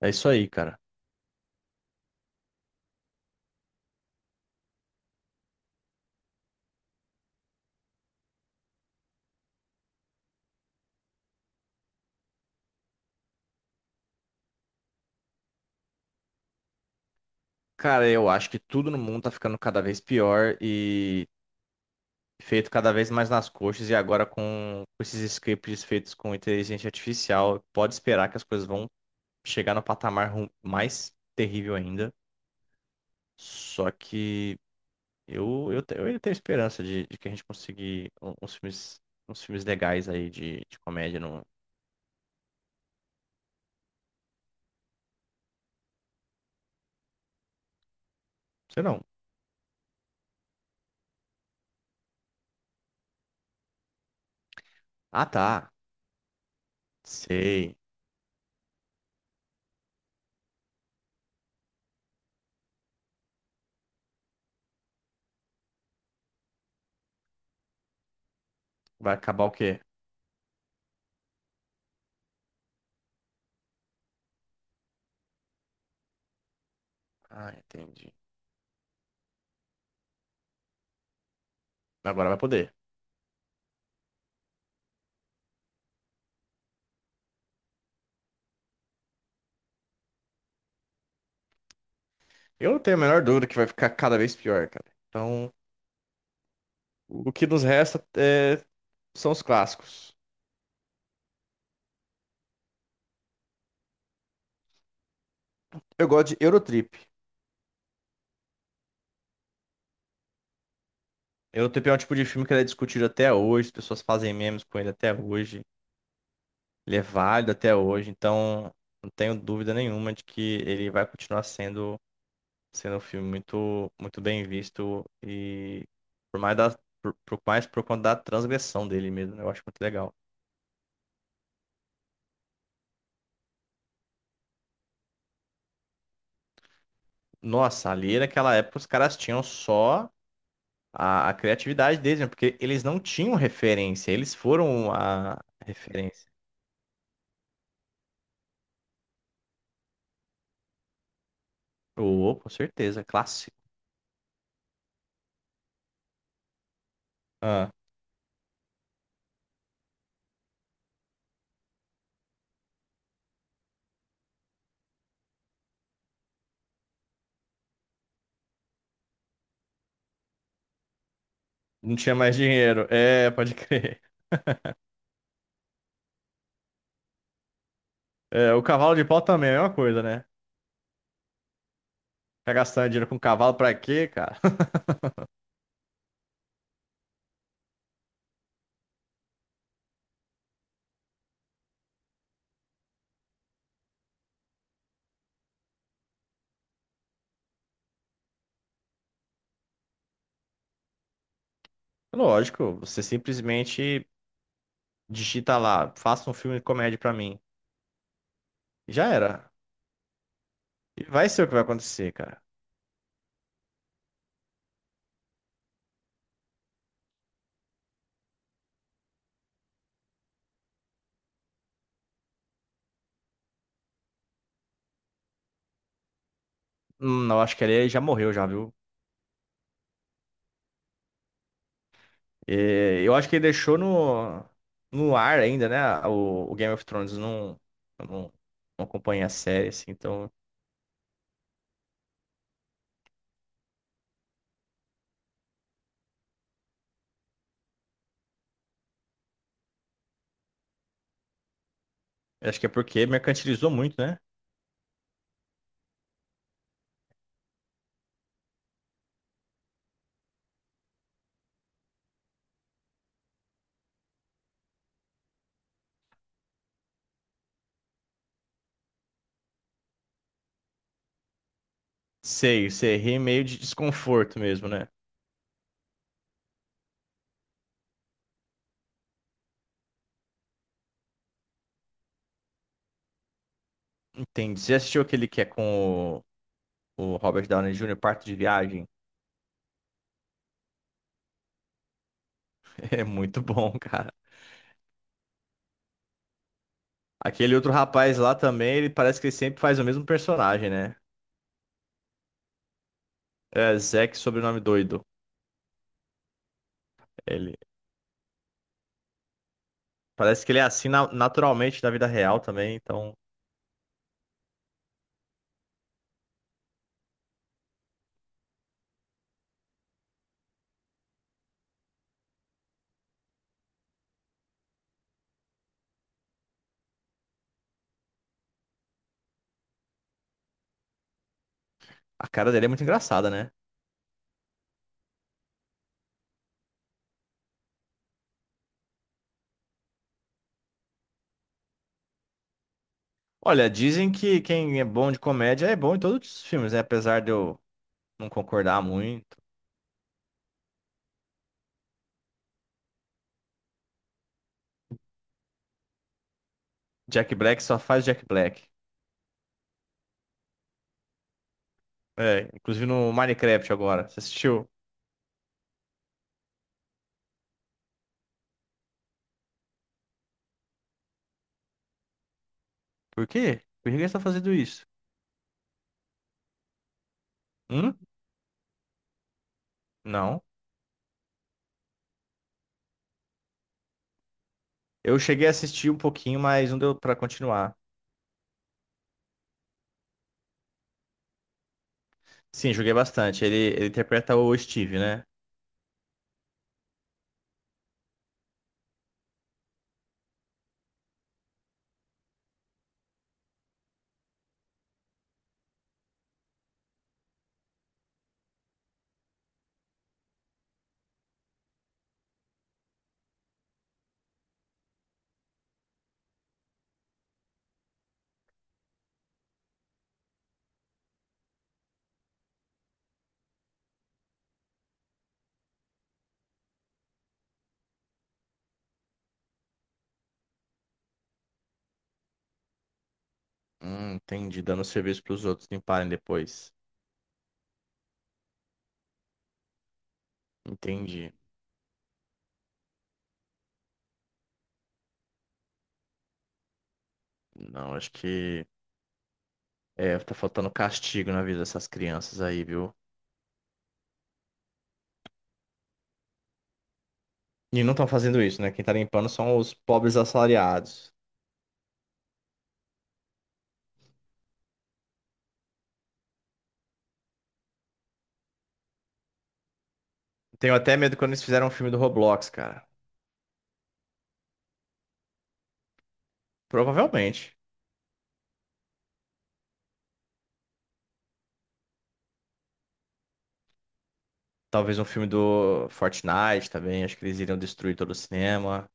É isso aí, cara. Cara, eu acho que tudo no mundo tá ficando cada vez pior e feito cada vez mais nas coxas. E agora com esses scripts feitos com inteligência artificial, pode esperar que as coisas vão chegar no patamar mais terrível ainda. Só que eu ainda tenho esperança de, que a gente conseguir uns filmes legais aí de comédia. Não sei não. Ah, tá. Sei. Vai acabar o quê? Ah, entendi. Agora vai poder. Eu não tenho a menor dúvida que vai ficar cada vez pior, cara. Então, o que nos resta são os clássicos. Eu gosto de Eurotrip. Eurotrip é um tipo de filme que ele é discutido até hoje, as pessoas fazem memes com ele até hoje. Ele é válido até hoje, então não tenho dúvida nenhuma de que ele vai continuar sendo um filme muito, muito bem visto e por mais da, por mais por conta da transgressão dele mesmo, né? Eu acho muito legal. Nossa, ali naquela época os caras tinham só a criatividade deles, né? Porque eles não tinham referência, eles foram a referência. Oh, com certeza, clássico. Ah, não tinha mais dinheiro. É, pode crer. É, o cavalo de pau também é a mesma coisa, né? Ficar gastando dinheiro com cavalo pra quê, cara? Lógico, você simplesmente digita lá, faça um filme de comédia pra mim. E já era. E vai ser o que vai acontecer, cara. Eu acho que ele já morreu já, viu? E eu acho que ele deixou no ar ainda, né? O Game of Thrones eu não, não acompanha a série, assim, então. Eu acho que é porque mercantilizou muito, né? Sei, sei, ri meio de desconforto mesmo, né? Entendi. Você assistiu aquele que é com o Robert Downey Jr., Parto de Viagem? É muito bom, cara. Aquele outro rapaz lá também, ele parece que ele sempre faz o mesmo personagem, né? É Zack, sobrenome doido. Ele parece que ele é assim naturalmente na vida real também, então a cara dele é muito engraçada, né? Olha, dizem que quem é bom de comédia é bom em todos os filmes, né? Apesar de eu não concordar muito. Jack Black só faz Jack Black. É, inclusive no Minecraft agora. Você assistiu? Por quê? Por que ele está fazendo isso? Hum? Não. Eu cheguei a assistir um pouquinho, mas não deu pra continuar. Sim, joguei bastante. Ele interpreta o Steve, né? Entendi. Dando serviço pros outros limparem depois. Entendi. Não, acho que. É, tá faltando castigo na vida dessas crianças aí, viu? E não estão fazendo isso, né? Quem tá limpando são os pobres assalariados. Tenho até medo quando eles fizeram um filme do Roblox, cara. Provavelmente. Talvez um filme do Fortnite também. Acho que eles iriam destruir todo o cinema.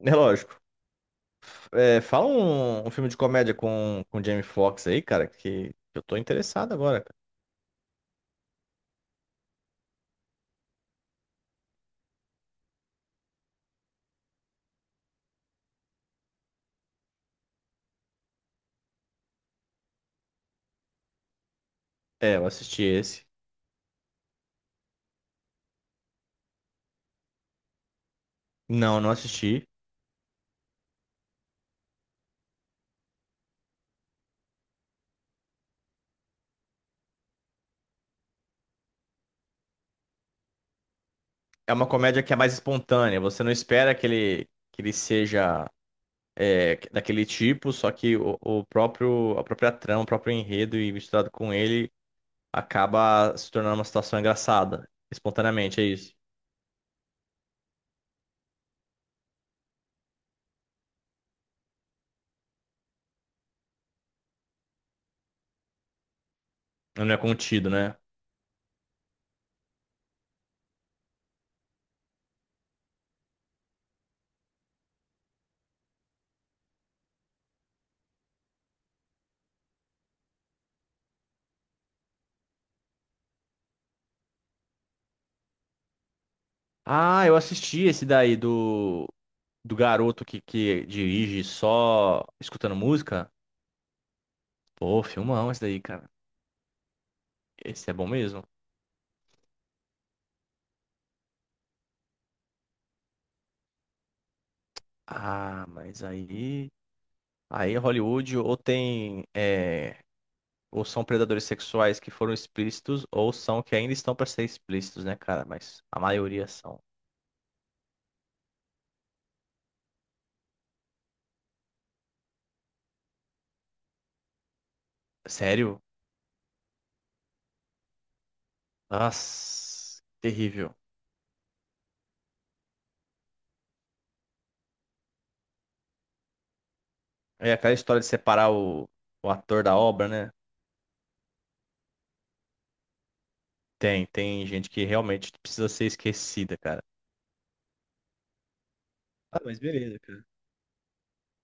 É lógico. É, fala um filme de comédia com o Jamie Foxx aí, cara, que eu tô interessado agora, cara. É, eu assisti esse. Não, não assisti. É uma comédia que é mais espontânea. Você não espera que ele, seja daquele tipo, só que o próprio, a própria trama, o próprio enredo e misturado com ele acaba se tornando uma situação engraçada. Espontaneamente, é isso. Não é contido, né? Ah, eu assisti esse daí do, garoto que dirige só escutando música. Pô, filmão esse daí, cara. Esse é bom mesmo. Ah, mas aí. Aí Hollywood ou tem ou são predadores sexuais que foram explícitos, ou são que ainda estão para ser explícitos, né, cara? Mas a maioria são. Sério? Nossa, terrível. É aquela história de separar o, ator da obra, né? Tem gente que realmente precisa ser esquecida, cara. Ah, mas beleza, cara.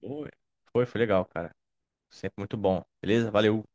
Foi, foi legal, cara. Sempre muito bom. Beleza? Valeu.